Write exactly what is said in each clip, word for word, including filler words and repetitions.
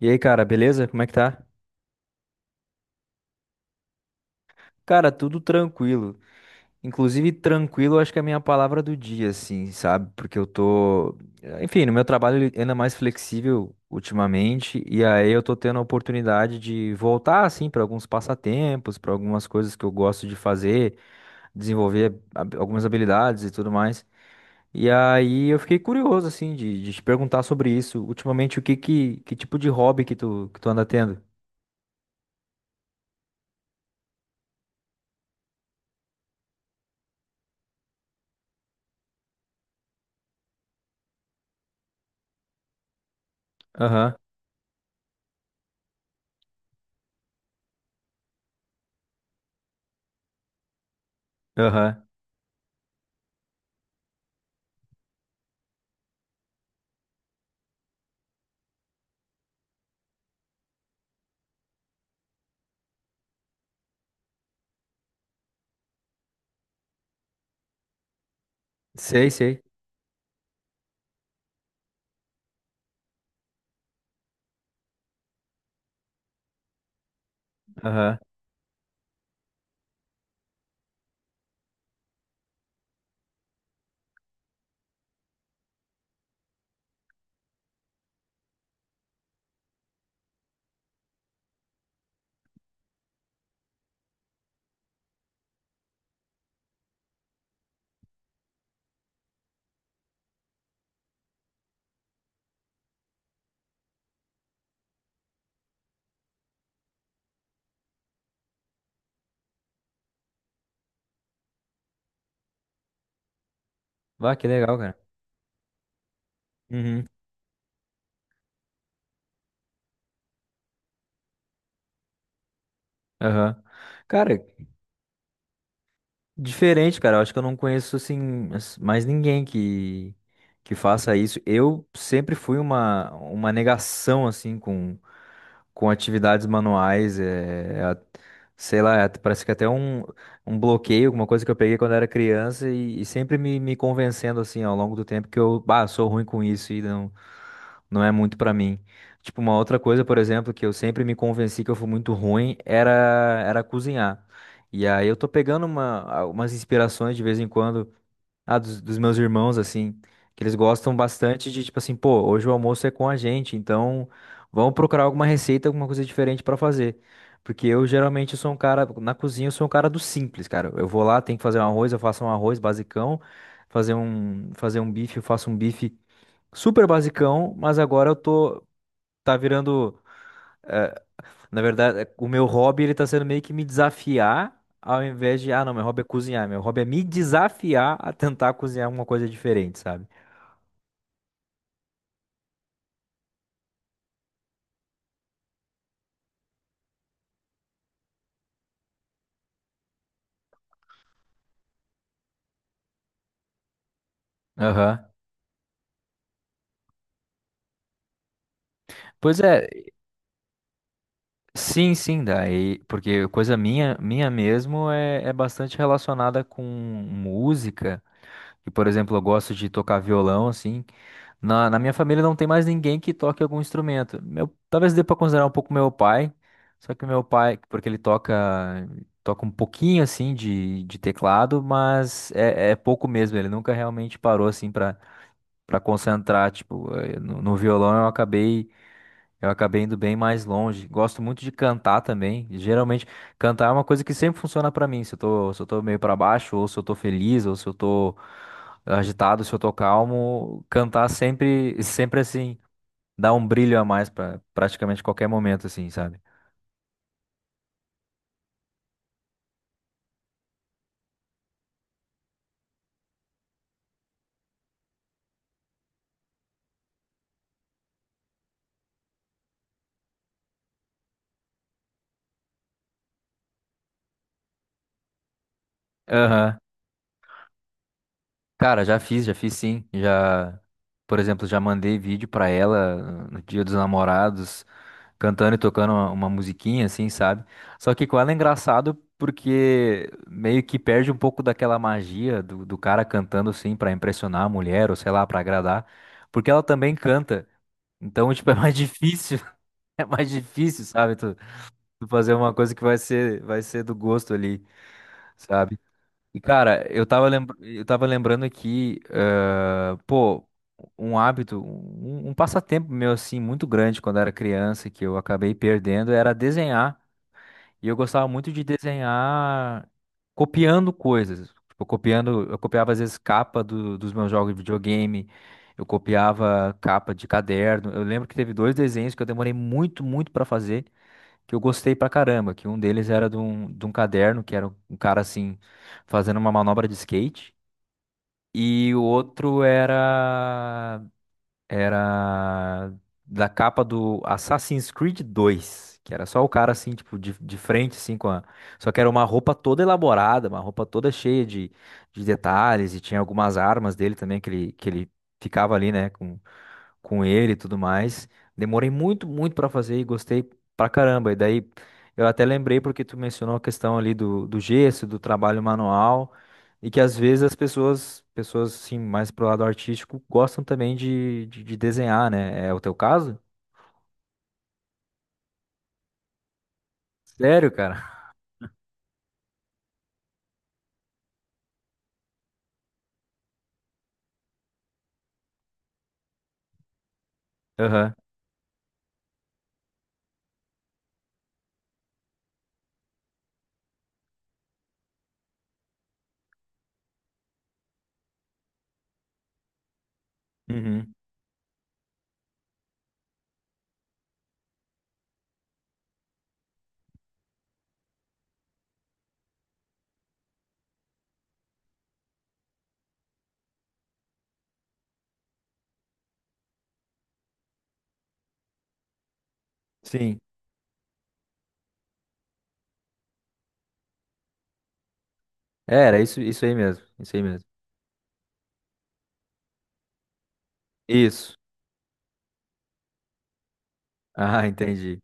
E aí, cara, beleza? Como é que tá? Cara, tudo tranquilo. Inclusive, tranquilo, acho que é a minha palavra do dia, assim, sabe? Porque eu tô. Enfim, no meu trabalho ele ainda mais flexível ultimamente, e aí eu tô tendo a oportunidade de voltar, assim, para alguns passatempos, para algumas coisas que eu gosto de fazer, desenvolver hab- algumas habilidades e tudo mais. E aí eu fiquei curioso, assim, de, de te perguntar sobre isso. Ultimamente, o que, que, que tipo de hobby que tu, que tu anda tendo? Aham, aham. Sei, sei. Aham. Ah, que legal, cara. Uhum. Aham. Cara, diferente, cara. Eu acho que eu não conheço assim as- mais ninguém que que faça isso. Eu sempre fui uma uma negação assim com com atividades manuais, é, é a- Sei lá, at- parece que até um, um bloqueio, alguma coisa que eu peguei quando era criança e, e sempre me, me convencendo assim ao longo do tempo que eu, ah, sou ruim com isso e não não é muito pra mim. Tipo, uma outra coisa, por exemplo, que eu sempre me convenci que eu fui muito ruim era era cozinhar. E aí eu tô pegando uma, algumas inspirações de vez em quando, ah, dos, dos meus irmãos, assim, que eles gostam bastante de, tipo assim, pô, hoje o almoço é com a gente, então vamos procurar alguma receita, alguma coisa diferente pra fazer. Porque eu geralmente sou um cara, na cozinha eu sou um cara do simples, cara. Eu vou lá, tenho que fazer um arroz, eu faço um arroz basicão, fazer um, fazer um bife, eu faço um bife super basicão, mas agora eu tô, tá virando. Na verdade, é- o meu hobby ele tá sendo meio que me desafiar ao invés de, ah, não, meu hobby é cozinhar. Meu hobby é me desafiar a tentar cozinhar uma coisa diferente, sabe? Aham. Pois é, sim, sim, daí, porque coisa minha, minha mesmo é, é bastante relacionada com música. E, por exemplo, eu gosto de tocar violão, assim. Na, na minha família não tem mais ninguém que toque algum instrumento. Meu, talvez dê para considerar um pouco meu pai, só que meu pai, porque ele toca, toca um pouquinho, assim, de, de teclado, mas é, é pouco mesmo. Ele nunca realmente parou, assim, para para concentrar. Tipo, eh, no, no violão eu acabei eu acabei indo bem mais longe. Gosto muito de cantar também. E geralmente, cantar é uma coisa que sempre funciona pra mim. Se eu tô, se eu tô meio pra baixo, ou se eu tô feliz, ou se eu tô agitado, se eu tô calmo, cantar sempre, sempre assim, dá um brilho a mais pra praticamente qualquer momento, assim, sabe? Aham. Cara, já fiz, já fiz sim. Já, por exemplo, já mandei vídeo pra ela uh, no Dia dos Namorados, cantando e tocando uma, uma musiquinha, assim, sabe? Só que com ela é engraçado porque meio que perde um pouco daquela magia do, do cara cantando, assim, pra impressionar a mulher, ou sei lá, pra agradar. Porque ela também canta. Então, tipo, é mais difícil, é mais difícil, sabe? Tu, tu fazer uma coisa que vai ser, vai ser do gosto ali, sabe? E, cara, eu tava, lembra- eu tava lembrando aqui, eh, pô, um hábito, um, um passatempo meu, assim, muito grande quando era criança, que eu acabei perdendo, era desenhar. E eu gostava muito de desenhar copiando coisas. Tipo, copiando, eu copiava às vezes capa do- dos meus jogos de videogame, eu copiava capa de caderno. Eu lembro que teve dois desenhos que eu demorei muito, muito pra fazer que eu gostei pra caramba, que um deles era de um, de um caderno, que era um cara assim, fazendo uma manobra de skate, e o outro era era da capa do Assassin's Creed dois, que era só o cara assim, tipo, de, de frente, assim, com a... Só que era uma roupa toda elaborada, uma roupa toda cheia de, de detalhes, e tinha algumas armas dele também, que ele, que ele ficava ali, né, com, com ele e tudo mais. Demorei muito, muito pra fazer e gostei pra caramba. E daí eu até lembrei porque tu mencionou a questão ali do, do gesso, do trabalho manual. E que às vezes as pessoas, pessoas assim, mais pro lado artístico, gostam também de, de, de desenhar, né? É o teu caso? Sério, cara? Aham. Uhum. Sim. É, era isso, isso aí mesmo. Isso aí mesmo. Isso. Ah, entendi.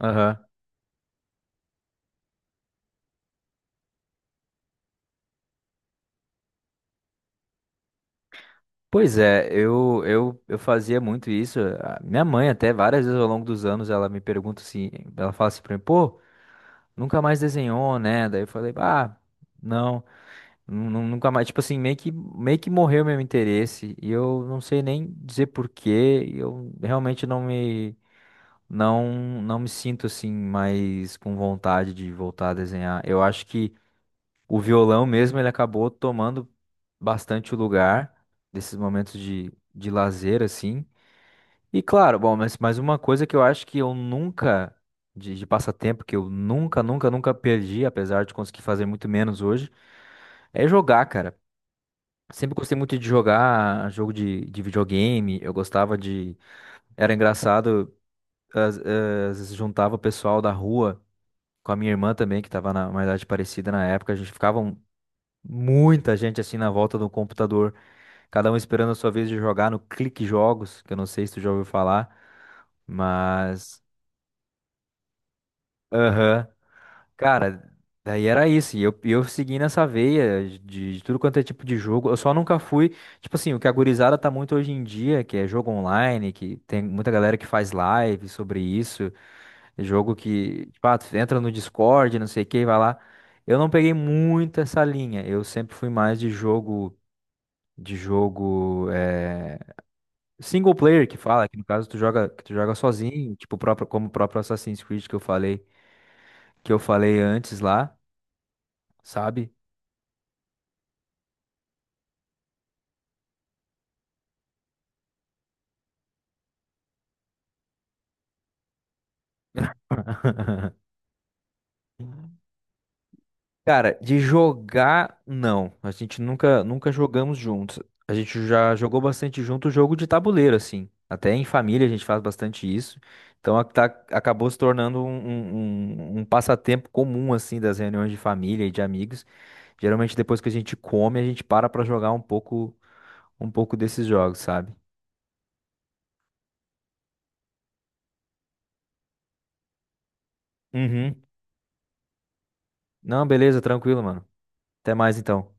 Aham. Pois é, eu, eu, eu fazia muito isso. A minha mãe, até várias vezes ao longo dos anos, ela me pergunta assim, ela fala assim pra mim, pô, nunca mais desenhou, né? Daí eu falei, ah, não. Nu- nu- Nunca mais, tipo assim, meio que, meio que morreu meu interesse. E eu não sei nem dizer porquê. Eu realmente não me, não, não me sinto assim mais com vontade de voltar a desenhar. Eu acho que o violão mesmo, ele acabou tomando bastante o lugar desses momentos de, de lazer, assim. E claro, bom, mas, mas uma coisa que eu acho que eu nunca, de, de passatempo, que eu nunca, nunca, nunca perdi, apesar de conseguir fazer muito menos hoje, é jogar, cara. Sempre gostei muito de jogar jogo de, de videogame. Eu gostava de. Era engraçado, às, às vezes juntava o pessoal da rua com a minha irmã também, que estava na uma idade parecida na época. A gente ficava um- Muita gente assim na volta do computador, cada um esperando a sua vez de jogar no Clique Jogos, que eu não sei se tu já ouviu falar, mas. Aham. Cara, daí era isso. E eu, e eu segui nessa veia de, de tudo quanto é tipo de jogo. Eu só nunca fui. Tipo assim, o que a gurizada tá muito hoje em dia, que é jogo online, que tem muita galera que faz live sobre isso. Jogo que, tipo, ah, tu entra no Discord, não sei o que, vai lá. Eu não peguei muito essa linha. Eu sempre fui mais de jogo. De jogo eh, single player que fala, que no caso tu joga, que tu joga sozinho, tipo, o próprio, como o próprio Assassin's Creed que eu falei, que eu falei antes lá, sabe? Cara, de jogar, não. A gente nunca, nunca jogamos juntos. A gente já jogou bastante junto jogo de tabuleiro, assim. Até em família a gente faz bastante isso. Então a- tá- Acabou se tornando um, um, um- um passatempo comum, assim, das reuniões de família e de amigos. Geralmente depois que a gente come, a gente para pra jogar um pouco, um pouco desses jogos, sabe? Uhum. Não, beleza, tranquilo, mano. Até mais então.